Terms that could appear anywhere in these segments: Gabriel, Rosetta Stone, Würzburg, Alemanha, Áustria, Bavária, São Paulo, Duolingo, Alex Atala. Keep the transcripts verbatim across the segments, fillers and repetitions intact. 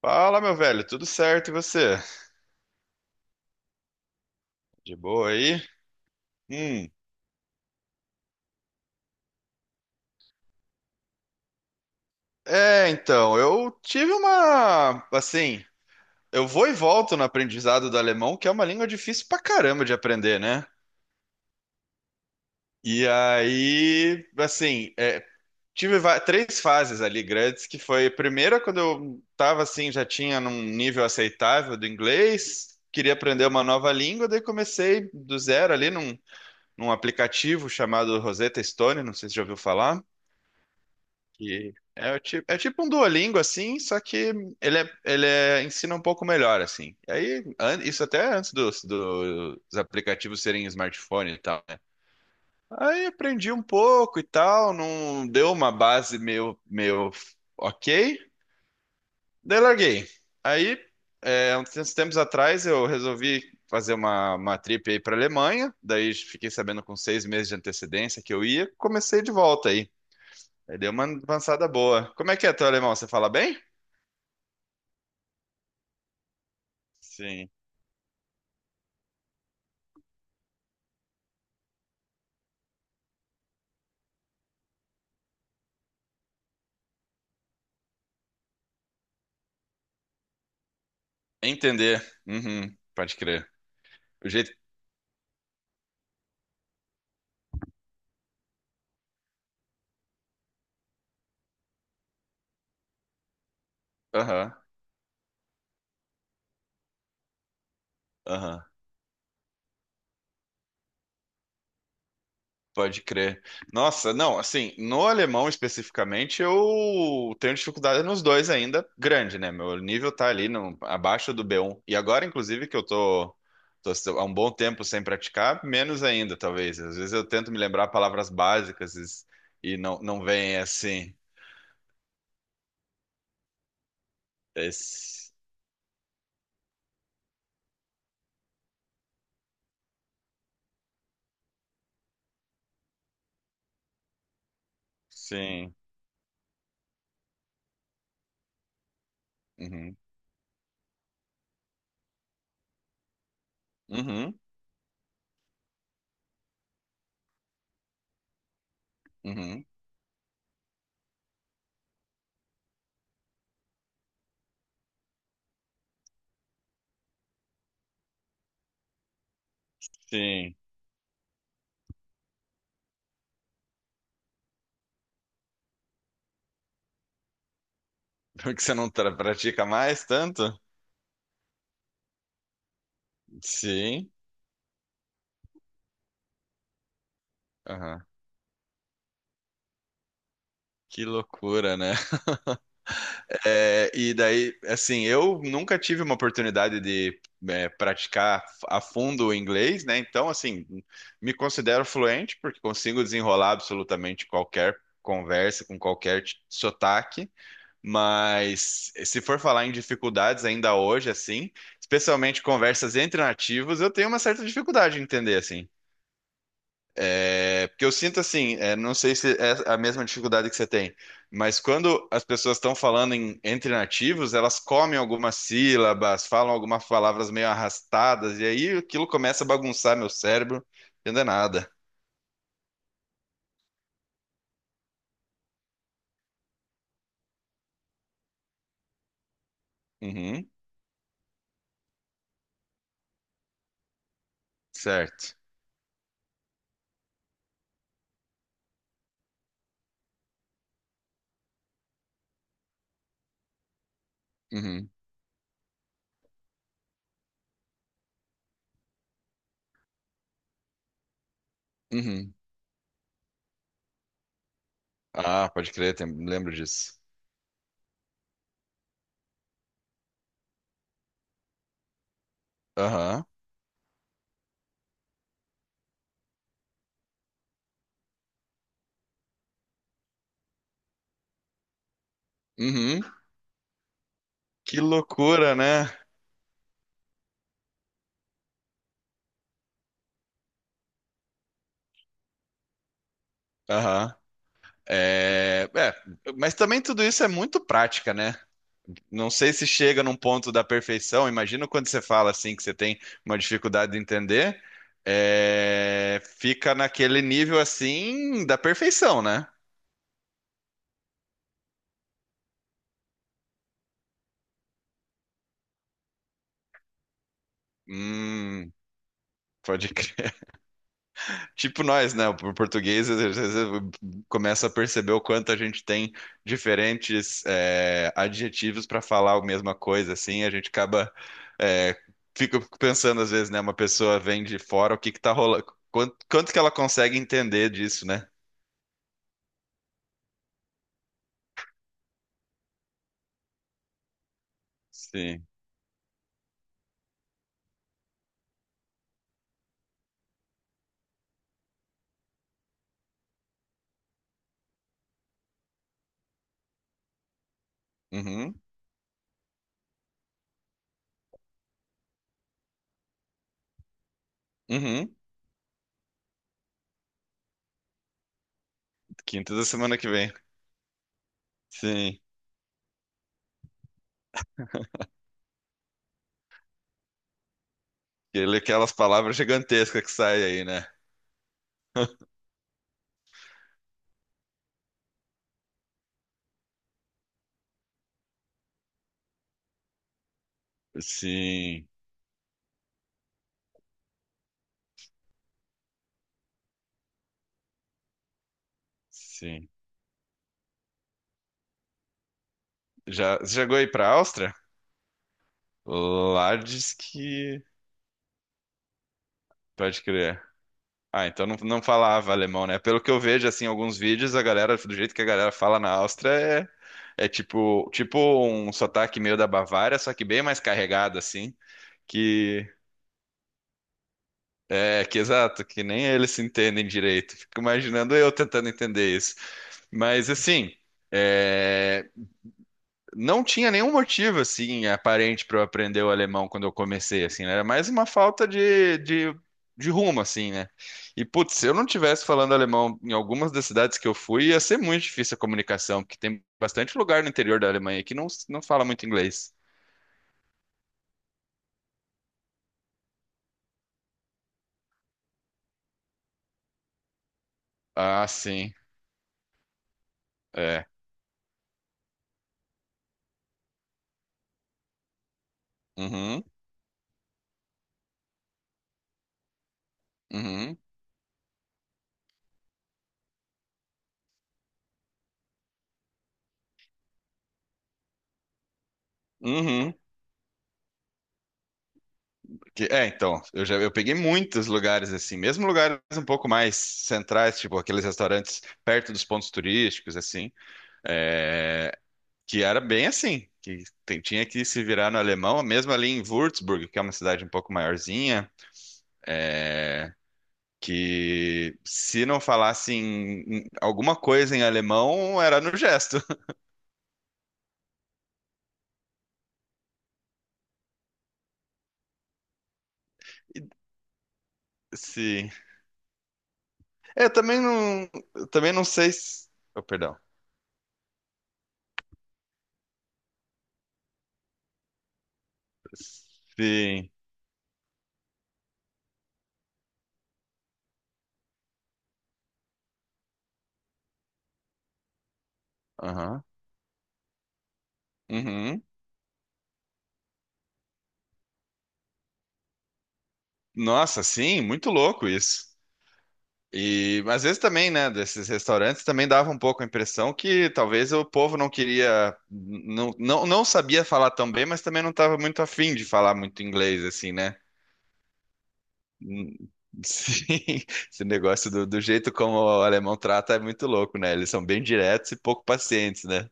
Fala, meu velho, tudo certo e você? De boa aí? Hum. É, então, eu tive uma, assim, eu vou e volto no aprendizado do alemão, que é uma língua difícil pra caramba de aprender, né? E aí, assim, é, tive va- três fases ali grandes, que foi a primeira quando eu tava assim, já tinha num nível aceitável do inglês, queria aprender uma nova língua, daí comecei do zero ali num, num aplicativo chamado Rosetta Stone, não sei se já ouviu falar. Que é, o tipo, é tipo um Duolingo, assim, só que ele, é, ele é- ensina um pouco melhor, assim. E aí, an- isso até antes dos, do- dos aplicativos serem smartphone e tal, né? Aí aprendi um pouco e tal, não deu uma base meio, meio ok, daí larguei. Aí, é, uns tempos atrás, eu resolvi fazer uma, uma trip aí para Alemanha, daí fiquei sabendo com seis meses de antecedência que eu ia, comecei de volta aí. Aí deu uma avançada boa. Como é que é teu alemão? Você fala bem? Sim. Entender. Uhum, pode crer. O jeito. Aham, aham. Pode crer. Nossa, não, assim, no alemão especificamente, eu tenho dificuldade nos dois ainda, grande, né? Meu nível tá ali no, abaixo do B um. E agora, inclusive, que eu tô, tô há um bom tempo sem praticar, menos ainda, talvez. Às vezes eu tento me lembrar palavras básicas e e não, não vem assim. Esse- Sim. Uhum. Uhum. Uhum, sim. Porque você não tra- pratica mais tanto? Sim. Aham. Que loucura, né? É, e daí, assim, eu nunca tive uma oportunidade de é, praticar a fundo o inglês, né? Então, assim, me considero fluente porque consigo desenrolar absolutamente qualquer conversa com qualquer t- sotaque. Mas se for falar em dificuldades ainda hoje, assim, especialmente conversas entre nativos, eu tenho uma certa dificuldade de entender, assim. É, porque eu sinto assim, é, não sei se é a mesma dificuldade que você tem, mas quando as pessoas estão falando em- entre nativos, elas comem algumas sílabas, falam algumas palavras meio arrastadas, e aí aquilo começa a bagunçar meu cérebro, entender nada. Uhum, certo. Uhum, uhum. Ah, pode crer, tem- lembro disso. Aham, uhum. Que loucura, né? Aham. É, é, mas também tudo isso é muito prática, né? Não sei se chega num ponto da perfeição. Imagino quando você fala assim que você tem uma dificuldade de entender, é, fica naquele nível assim da perfeição, né? Hum, pode crer. Tipo nós, né? O português às vezes às vezes, começa a perceber o quanto a gente tem diferentes é, adjetivos para falar a mesma coisa, assim. A gente acaba é, fica pensando às vezes, né? Uma pessoa vem de fora, o que que tá rolando? Quanto, quanto que ela consegue entender disso, né? Sim. Uhum, uhum. Quinta da semana que vem. Sim. Ele, aquelas palavras gigantescas que saem aí, né? Sim, sim. Já, você chegou aí pra Áustria? Lá diz que. Pode crer. Ah, então não, não falava alemão, né? Pelo que eu vejo, assim, em alguns vídeos, a galera, do jeito que a galera fala na Áustria, é, é tipo, tipo um sotaque meio da Bavária, só que bem mais carregado, assim, que. É, que exato, que nem eles se entendem direito. Fico imaginando eu tentando entender. Mas assim, é, não tinha nenhum motivo assim aparente para eu aprender o alemão quando eu comecei, assim, né? Era mais uma falta de, de, de rumo, assim, né? E putz, se eu não tivesse falando alemão em algumas das cidades que eu fui, ia ser muito difícil a comunicação, porque tem bastante lugar no interior da Alemanha que não, não fala muito inglês. Ah, sim. É. Uhum, uhum, uhum. Que- É, então, eu já eu peguei muitos lugares assim, mesmo lugares um pouco mais centrais, tipo aqueles restaurantes perto dos pontos turísticos, assim, é, que era bem assim, que tem- tinha que se virar no alemão, mesmo ali em Würzburg, que é uma cidade um pouco maiorzinha, é, que se não falasse em- em alguma coisa em alemão, era no gesto. Sim. Eu também não, eu também não sei se... Oh, perdão. Sim. Aham. Uhum. Nossa, sim, muito louco isso. E às vezes também, né, desses restaurantes também dava um pouco a impressão que talvez o povo não queria, não, não, não sabia falar tão bem, mas também não estava muito afim de falar muito inglês, assim, né? Hum. Sim, esse negócio do, do jeito como o alemão trata é muito louco, né? Eles são bem diretos e pouco pacientes, né?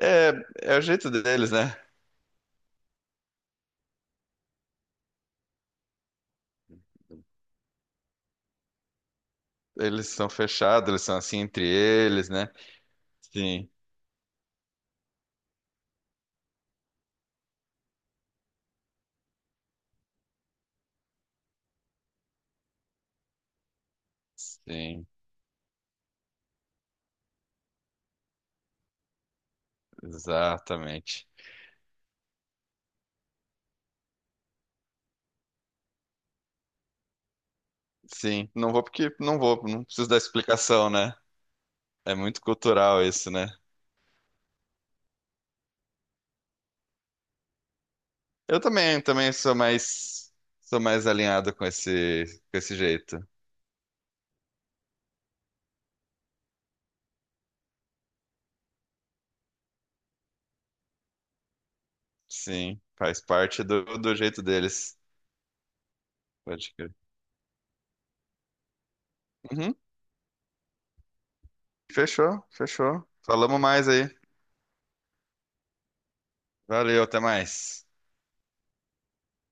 É, é o jeito deles, né? Eles são fechados, eles são assim entre eles, né? Sim, sim, exatamente. Sim, não vou porque não vou, não preciso dar explicação, né? É muito cultural isso, né? Eu também, também sou mais sou mais alinhado com esse com esse jeito. Sim, faz parte do, do jeito deles. Pode crer. Uhum, fechou, fechou. Falamos mais aí. Valeu, até mais.